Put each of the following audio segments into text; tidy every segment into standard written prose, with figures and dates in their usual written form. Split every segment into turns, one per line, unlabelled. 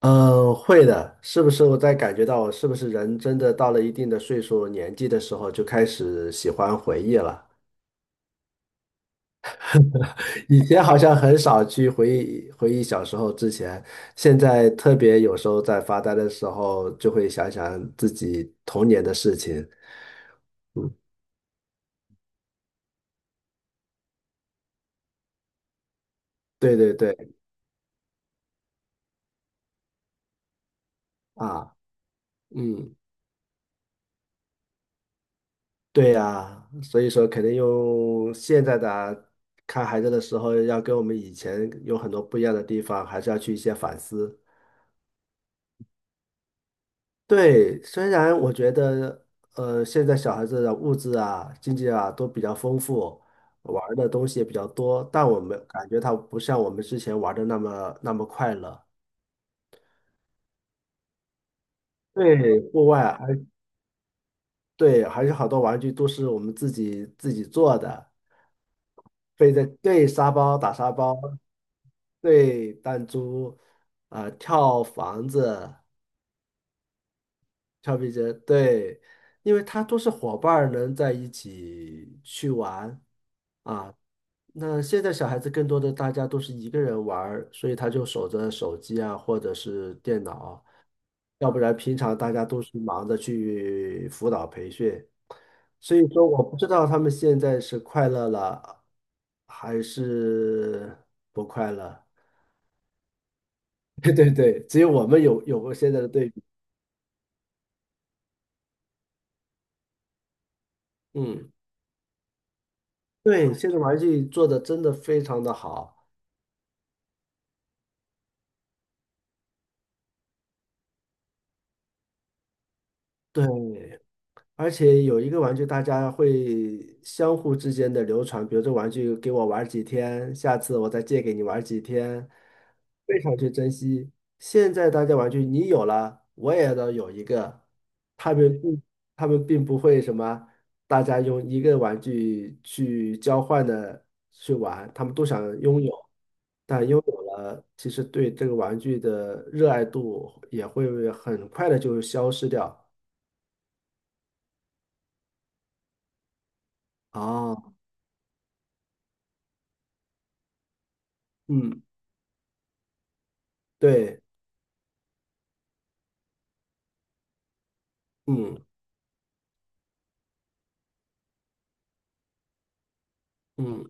嗯，会的，是不是我在感觉到我是不是人真的到了一定的岁数、年纪的时候，就开始喜欢回忆了？以前好像很少去回忆回忆小时候之前，现在特别有时候在发呆的时候，就会想想自己童年的事情。嗯，对对对，啊，嗯，对呀，所以说肯定用现在的啊看孩子的时候，要跟我们以前有很多不一样的地方，还是要去一些反思。对，虽然我觉得，现在小孩子的物质啊、经济啊都比较丰富，玩儿的东西也比较多，但我们感觉他不像我们之前玩的那么那么快乐。对，户外还对，还是好多玩具都是我们自己做的，背着对沙包打沙包，对弹珠，啊、跳房子，跳皮筋，对，因为它都是伙伴儿能在一起去玩。啊。那现在小孩子更多的大家都是一个人玩儿，所以他就守着手机啊，或者是电脑，要不然平常大家都是忙着去辅导培训，所以说我不知道他们现在是快乐了还是不快乐。对对对，只有我们有过现在的对比。嗯，对，现在玩具做的真的非常的好。对，而且有一个玩具，大家会相互之间的流传，比如这玩具给我玩儿几天，下次我再借给你玩儿几天，非常去珍惜。现在大家玩具你有了，我也要有一个，他们并他们并不会什么，大家用一个玩具去交换的去玩，他们都想拥有，但拥有了，其实对这个玩具的热爱度也会很快的就消失掉。哦，嗯。对，嗯嗯，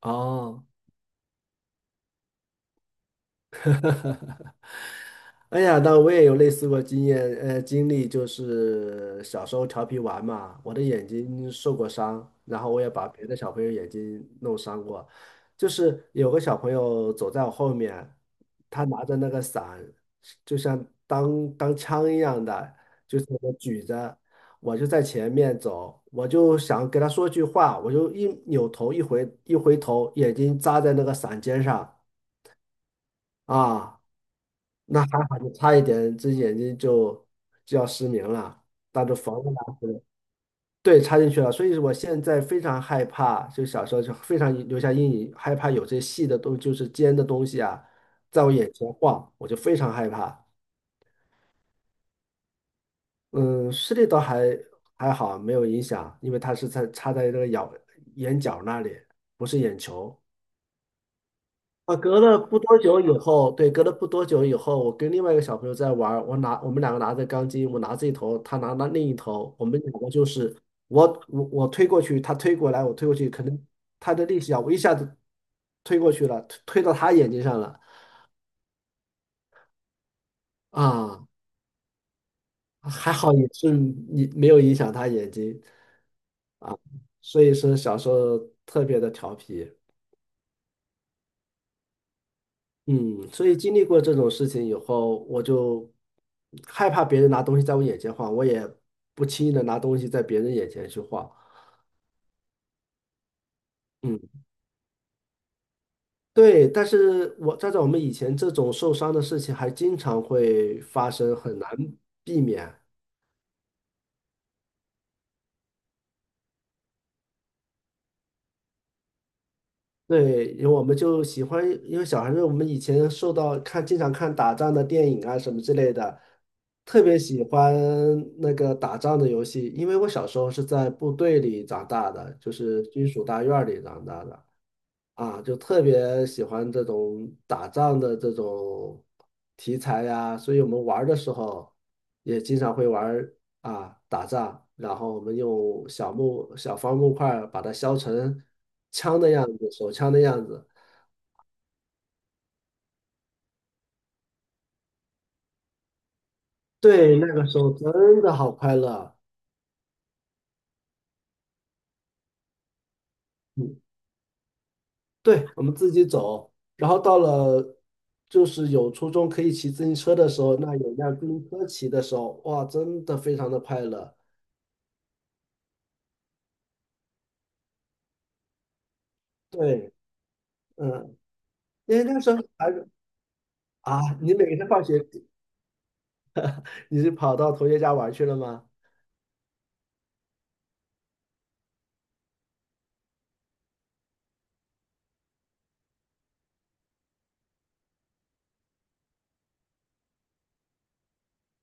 哦，哎呀，那我也有类似过经验，经历就是小时候调皮玩嘛，我的眼睛受过伤，然后我也把别的小朋友眼睛弄伤过，就是有个小朋友走在我后面，他拿着那个伞，就像当枪一样的，就是我举着，我就在前面走，我就想给他说句话，我就一扭头一回头，眼睛扎在那个伞尖上。啊，那还好，就差一点，这眼睛就要失明了，当着缝了当时，对，插进去了。所以我现在非常害怕，就小时候就非常留下阴影，害怕有这细的东，就是尖的东西啊，在我眼前晃，我就非常害怕。嗯，视力倒还好，没有影响，因为它是在插在这个咬眼角那里，不是眼球。啊，隔了不多久以后，对，隔了不多久以后，我跟另外一个小朋友在玩儿我们两个拿着钢筋，我拿这一头，他拿那另一头，我们两个就是我推过去，他推过来，我推过去，可能他的力气啊，我一下子推过去了，推到他眼睛上了啊，还好也是你没有影响他眼睛，所以说小时候特别的调皮。嗯，所以经历过这种事情以后，我就害怕别人拿东西在我眼前晃，我也不轻易的拿东西在别人眼前去晃。嗯，对，但是我站在我们以前这种受伤的事情还经常会发生，很难避免。对，因为我们就喜欢，因为小孩子我们以前受到看，经常看打仗的电影啊什么之类的，特别喜欢那个打仗的游戏。因为我小时候是在部队里长大的，就是军属大院儿里长大的。啊，就特别喜欢这种打仗的这种题材呀，所以我们玩儿的时候也经常会玩儿啊打仗，然后我们用小方木块儿把它削成枪的样子，手枪的样子。对，那个时候真的好快乐。嗯，对，我们自己走，然后到了就是有初中可以骑自行车的时候，那有辆自行车骑的时候，哇，真的非常的快乐。对，嗯。因为那时候还是啊，你每天放学你是跑到同学家玩去了吗？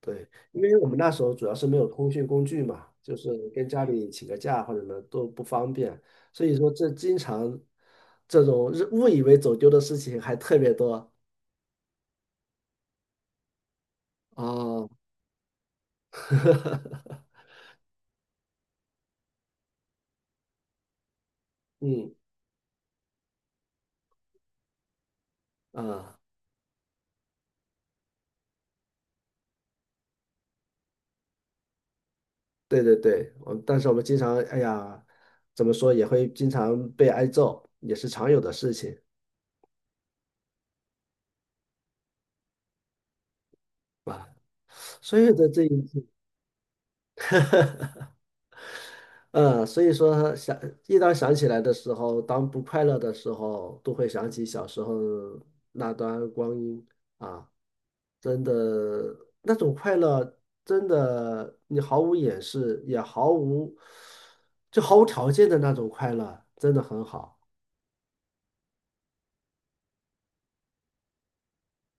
对，因为我们那时候主要是没有通讯工具嘛，就是跟家里请个假或者什么都不方便，所以说这经常这种日误以为走丢的事情还特别多哦，嗯啊，对对对，但是我们经常哎呀，怎么说也会经常被挨揍，也是常有的事情啊，所有的这一切 嗯，所以说想一当想起来的时候，当不快乐的时候，都会想起小时候那段光阴啊，真的那种快乐，真的你毫无掩饰，也毫无就毫无条件的那种快乐，真的很好。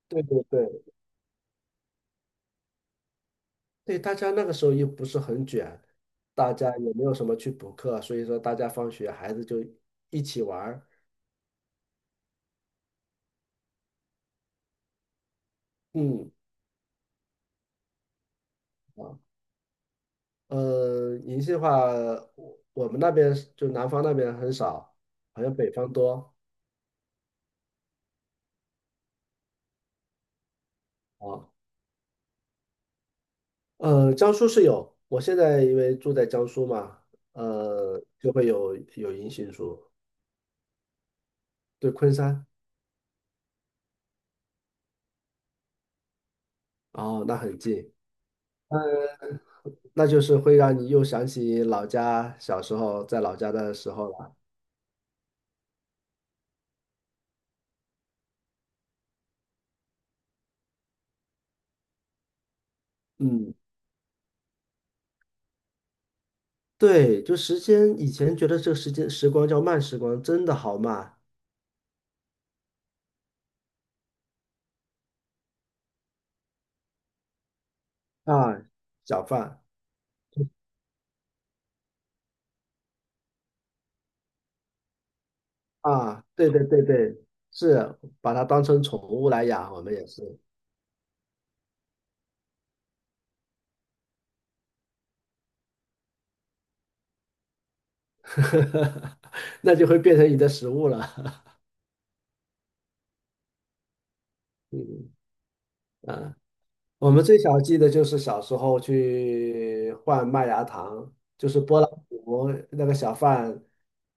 对对对，对，大家那个时候又不是很卷，大家也没有什么去补课，所以说大家放学孩子就一起玩儿，嗯。啊银杏的话，我们那边是就南方那边很少，好像北方多啊。江苏是有，我现在因为住在江苏嘛，就会有银杏树，对，昆山，哦，那很近，那就是会让你又想起老家小时候在老家的时候了。嗯，对，就时间，以前觉得这个时间时光叫慢时光，真的好慢啊，小贩。啊，对对对对，是把它当成宠物来养，我们也是，那就会变成你的食物了。嗯啊，我们最小记得就是小时候去换麦芽糖，就是拨浪鼓那个小贩，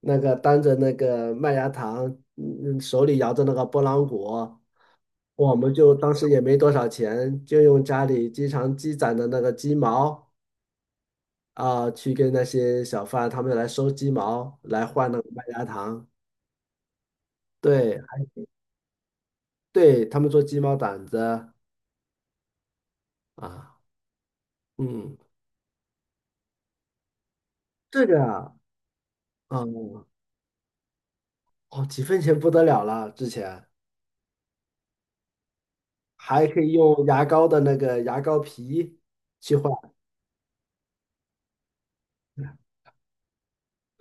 那个担着那个麦芽糖，嗯，手里摇着那个拨浪鼓，我们就当时也没多少钱，就用家里经常积攒的那个鸡毛啊，去跟那些小贩他们来收鸡毛来换那个麦芽糖。对对，他们做鸡毛掸子啊，嗯，这个啊，嗯，哦，几分钱不得了了，之前还可以用牙膏的那个牙膏皮去换，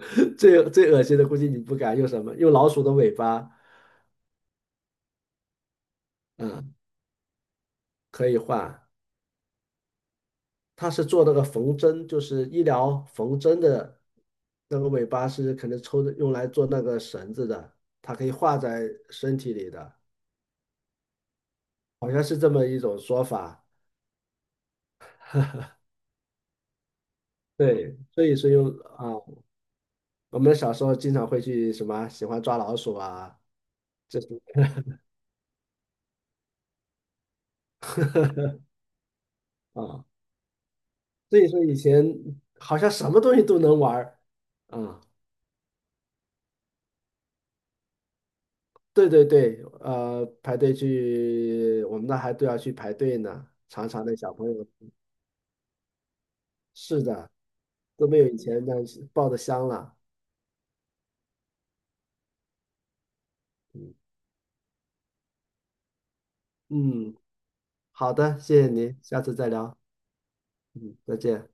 最最恶心的估计你不敢用什么，用老鼠的尾巴，嗯，可以换，它是做那个缝针，就是医疗缝针的那个尾巴是可能抽的用来做那个绳子的，它可以画在身体里的，好像是这么一种说法。对，所以说用啊。我们小时候经常会去什么喜欢抓老鼠啊，这些啊，所以说以前好像什么东西都能玩儿啊。对对对，排队去，我们那还都要去排队呢，常常的小朋友，是的，都没有以前那样抱的香了。嗯，嗯好的，谢谢您，下次再聊。嗯，再见。